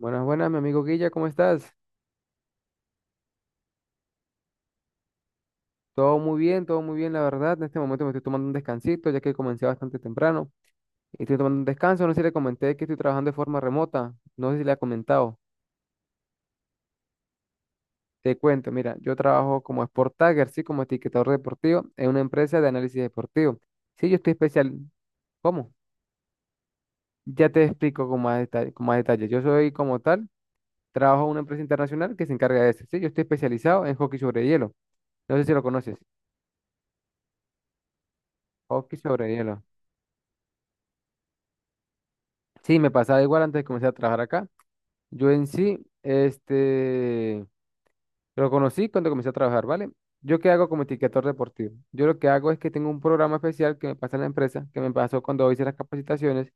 Buenas, buenas, mi amigo Guilla, ¿cómo estás? Todo muy bien, la verdad. En este momento me estoy tomando un descansito, ya que comencé bastante temprano. Y estoy tomando un descanso, no sé si le comenté que estoy trabajando de forma remota, no sé si le ha comentado. Te cuento, mira, yo trabajo como Sport Tagger, sí, como etiquetador deportivo, en una empresa de análisis deportivo. Sí, yo estoy especial. ¿Cómo? Ya te explico con más detalle, con más detalle. Yo soy como tal, trabajo en una empresa internacional que se encarga de eso. Sí, yo estoy especializado en hockey sobre hielo. No sé si lo conoces. Hockey sobre hielo. Sí, me pasaba igual antes de comenzar a trabajar acá. Yo en sí, lo conocí cuando comencé a trabajar, ¿vale? Yo qué hago como etiquetador deportivo. Yo lo que hago es que tengo un programa especial que me pasa en la empresa, que me pasó cuando hice las capacitaciones,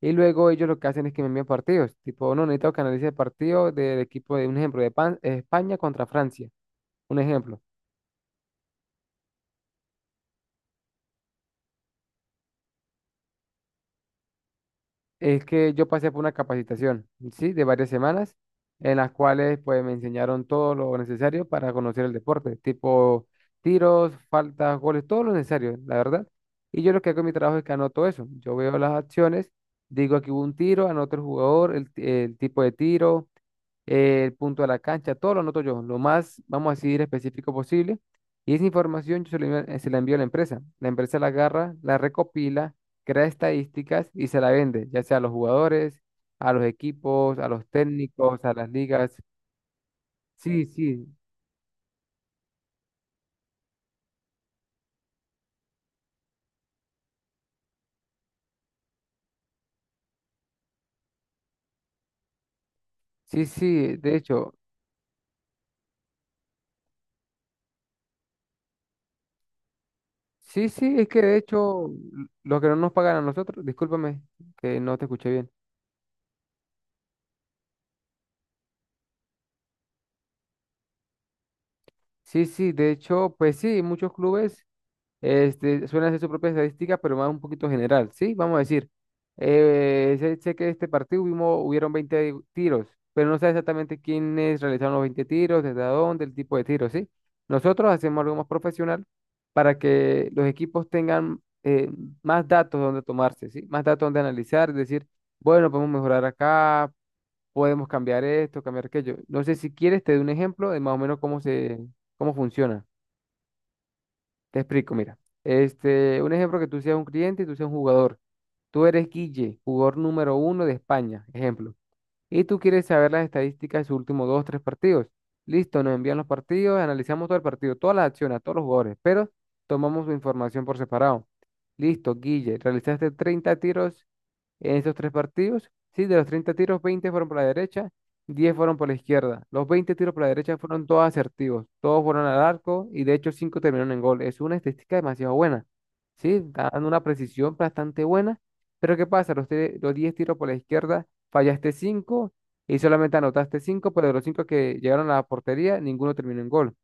y luego ellos lo que hacen es que me envían partidos. Tipo, no, necesito que analice el partido del equipo de un ejemplo de España contra Francia. Un ejemplo. Es que yo pasé por una capacitación, ¿sí? De varias semanas, en las cuales pues me enseñaron todo lo necesario para conocer el deporte, tipo tiros, faltas, goles, todo lo necesario, la verdad. Y yo lo que hago en mi trabajo es que anoto eso. Yo veo las acciones, digo aquí hubo un tiro, anoto el jugador, el tipo de tiro, el punto a la cancha, todo lo noto yo, lo más, vamos a decir, específico posible. Y esa información yo se la envío a la empresa. La empresa la agarra, la recopila, crea estadísticas y se la vende, ya sea a los jugadores, a los equipos, a los técnicos, a las ligas. Sí, sí, sí, sí, de hecho, sí, sí, es que de hecho, lo que no nos pagan a nosotros, discúlpame que no te escuché bien. Sí, sí, de hecho, pues sí, muchos clubes suelen hacer su propia estadística, pero más un poquito general, ¿sí? Vamos a decir, sé que este partido hubieron 20 tiros, pero no sé exactamente quiénes realizaron los 20 tiros, desde dónde, el tipo de tiro, ¿sí? Nosotros hacemos algo más profesional para que los equipos tengan más datos donde tomarse, ¿sí? Más datos donde analizar, es decir, bueno, podemos mejorar acá, podemos cambiar esto, cambiar aquello. No sé si quieres, te doy un ejemplo de más o menos cómo funciona. Te explico, mira. Un ejemplo que tú seas un cliente y tú seas un jugador. Tú eres Guille, jugador número uno de España, ejemplo. Y tú quieres saber las estadísticas de sus últimos dos, tres partidos. Listo, nos envían los partidos, analizamos todo el partido, todas las acciones, a todos los jugadores, pero tomamos su información por separado. Listo, Guille, realizaste 30 tiros en esos tres partidos, sí, de los 30 tiros, 20 fueron por la derecha, 10 fueron por la izquierda. Los 20 tiros por la derecha fueron todos asertivos, todos fueron al arco y de hecho 5 terminaron en gol. Es una estadística demasiado buena, sí, dando una precisión bastante buena. Pero ¿qué pasa? Los 10 tiros por la izquierda, fallaste 5 y solamente anotaste cinco, pero de los 5 que llegaron a la portería, ninguno terminó en gol.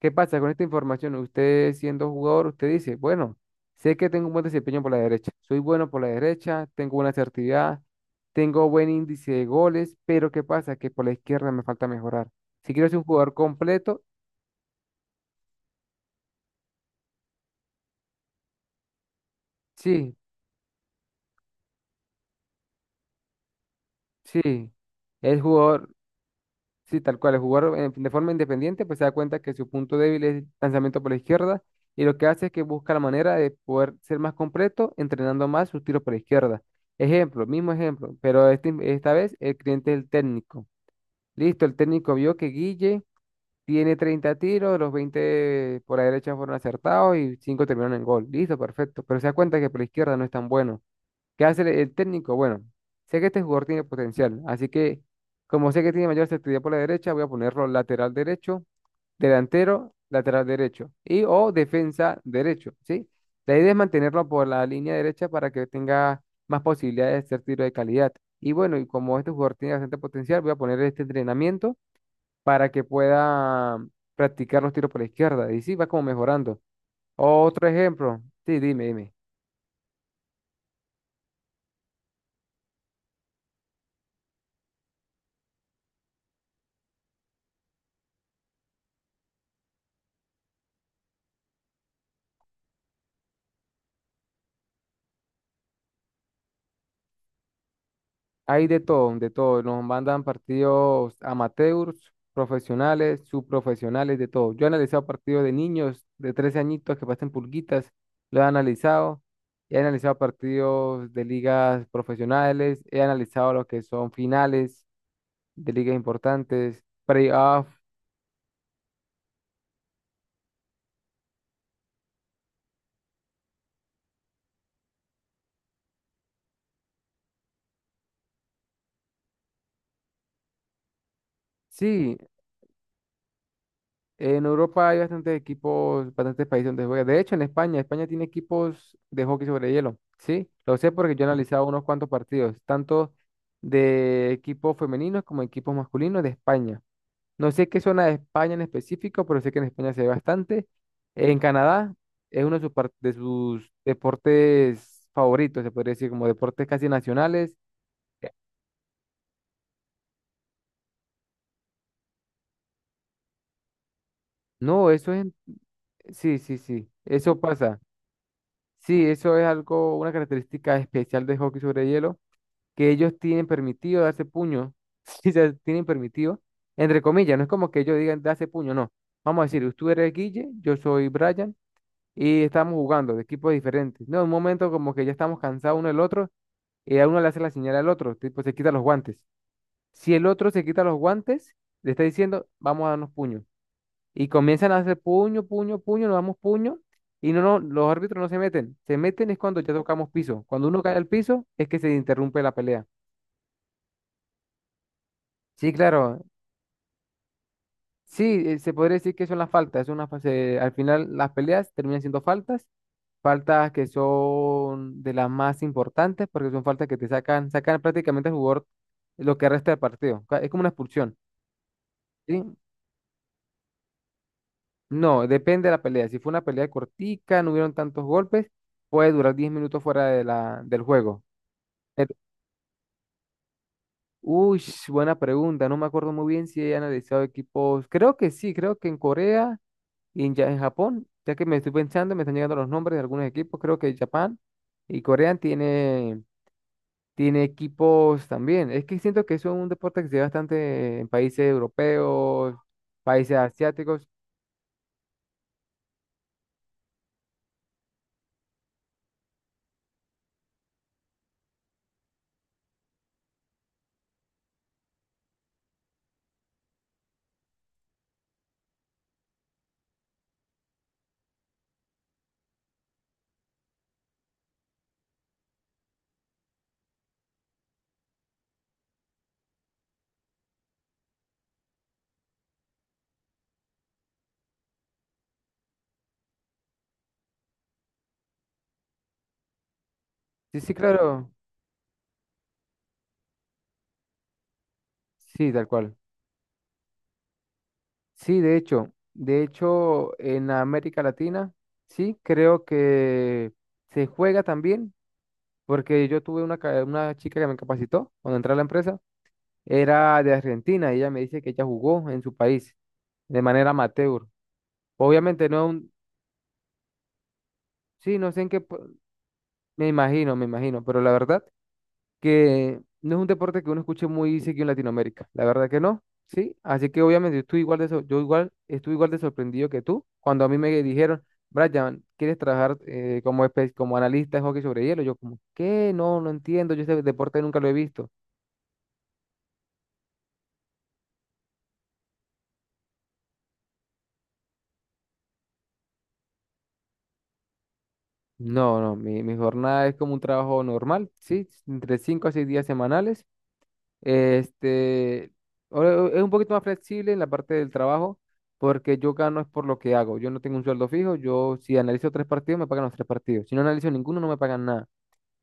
¿Qué pasa con esta información? Usted siendo jugador, usted dice, bueno, sé que tengo un buen desempeño por la derecha, soy bueno por la derecha, tengo buena asertividad, tengo buen índice de goles, pero ¿qué pasa? Que por la izquierda me falta mejorar. Si quiero ser un jugador completo, sí, sí. El jugador, Sí, tal cual, el jugar de forma independiente, pues se da cuenta que su punto débil es lanzamiento por la izquierda y lo que hace es que busca la manera de poder ser más completo entrenando más sus tiros por la izquierda. Ejemplo, mismo ejemplo, pero esta vez el cliente es el técnico. Listo, el técnico vio que Guille tiene 30 tiros, los 20 por la derecha fueron acertados y 5 terminaron en gol. Listo, perfecto, pero se da cuenta que por la izquierda no es tan bueno. ¿Qué hace el técnico? Bueno, sé que este jugador tiene potencial, así que como sé que tiene mayor actividad por la derecha, voy a ponerlo lateral derecho, delantero, lateral derecho y o defensa derecho, ¿sí? La idea es mantenerlo por la línea derecha para que tenga más posibilidades de hacer tiro de calidad. Y bueno, y como este jugador tiene bastante potencial, voy a poner este entrenamiento para que pueda practicar los tiros por la izquierda. Y sí, va como mejorando. Otro ejemplo. Sí, dime, dime. Hay de todo, de todo. Nos mandan partidos amateurs, profesionales, subprofesionales, de todo. Yo he analizado partidos de niños de 13 añitos que pasen pulguitas, lo he analizado. He analizado partidos de ligas profesionales, he analizado lo que son finales de ligas importantes, playoffs. Sí, en Europa hay bastantes equipos, bastantes países donde se juega. De hecho, en España, España tiene equipos de hockey sobre hielo. Sí, lo sé porque yo he analizado unos cuantos partidos, tanto de equipos femeninos como equipos masculinos de España. No sé qué zona de España en específico, pero sé que en España se ve bastante. En Canadá es uno de de sus deportes favoritos, se podría decir, como deportes casi nacionales. No, sí, sí, sí, eso pasa. Sí, eso es algo, una característica especial de hockey sobre hielo, que ellos tienen permitido darse puño, sí, se tienen permitido, entre comillas, no es como que ellos digan darse puño, no. Vamos a decir, tú eres Guille, yo soy Brian, y estamos jugando de equipos diferentes. No, en un momento como que ya estamos cansados uno del otro, y a uno le hace la señal al otro, tipo se quita los guantes. Si el otro se quita los guantes, le está diciendo, vamos a darnos puño y comienzan a hacer puño, puño, puño, nos damos puño y no, no, los árbitros no se meten. Se meten es cuando ya tocamos piso. Cuando uno cae al piso es que se interrumpe la pelea. Sí, claro. Sí, se podría decir que son las faltas. Es una fase, al final las peleas terminan siendo faltas, faltas que son de las más importantes porque son faltas que te sacan, sacan prácticamente al jugador lo que resta del partido. Es como una expulsión, ¿sí? No, depende de la pelea. Si fue una pelea cortica, no hubieron tantos golpes, puede durar 10 minutos fuera de la, del juego. Pero- Uy, buena pregunta. No me acuerdo muy bien si he analizado equipos. Creo que sí, creo que en Corea y en, en Japón, ya que me estoy pensando, me están llegando los nombres de algunos equipos. Creo que Japón y Corea tiene, tiene equipos también. Es que siento que eso es un deporte que se ve bastante en países europeos, países asiáticos. Sí, sí, claro. Sí, tal cual. Sí, de hecho, en América Latina, sí, creo que se juega también. Porque yo tuve una chica que me capacitó cuando entré a la empresa, era de Argentina y ella me dice que ella jugó en su país de manera amateur. Obviamente no es un, sí, no sé en me imagino, pero la verdad que no es un deporte que uno escuche muy seguido en Latinoamérica, la verdad que no, sí, así que obviamente yo estoy yo igual, estuve igual de sorprendido que tú cuando a mí me dijeron, Brian, ¿quieres trabajar como analista de hockey sobre hielo? Yo como, ¿qué? No, no entiendo, yo ese deporte nunca lo he visto. No, no, mi jornada es como un trabajo normal, sí, entre 5 a 6 días semanales. Este, es un poquito más flexible en la parte del trabajo porque yo gano es por lo que hago. Yo no tengo un sueldo fijo, yo si analizo tres partidos me pagan los tres partidos. Si no analizo ninguno no me pagan nada,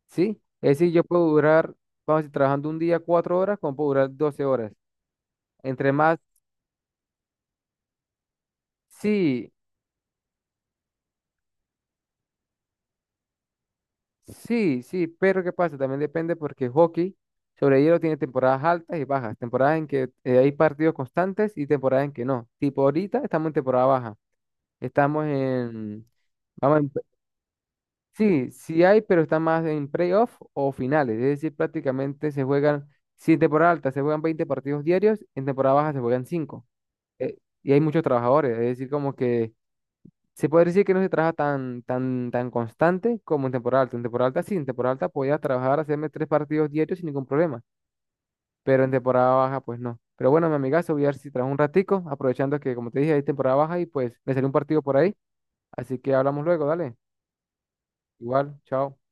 ¿sí? Es decir, yo puedo durar, vamos a decir, trabajando un día 4 horas, como puedo durar 12 horas. Entre más, sí, sí, sí, pero ¿qué pasa? También depende porque hockey sobre hielo tiene temporadas altas y bajas, temporadas en que hay partidos constantes y temporadas en que no. Tipo, ahorita estamos en temporada baja, estamos en... Vamos en- sí, sí hay, pero está más en playoff o finales, es decir, prácticamente se juegan, si en temporada alta se juegan 20 partidos diarios, en temporada baja se juegan 5, eh, y hay muchos trabajadores, es decir, como que se puede decir que no se trabaja tan constante como en temporada alta. En temporada alta sí, en temporada alta podía trabajar, hacerme tres partidos diarios sin ningún problema, pero en temporada baja pues no. Pero bueno, mi amigazo, voy a ver si trabajo un ratico, aprovechando que como te dije, hay temporada baja y pues me salió un partido por ahí. Así que hablamos luego, dale. Igual, chao.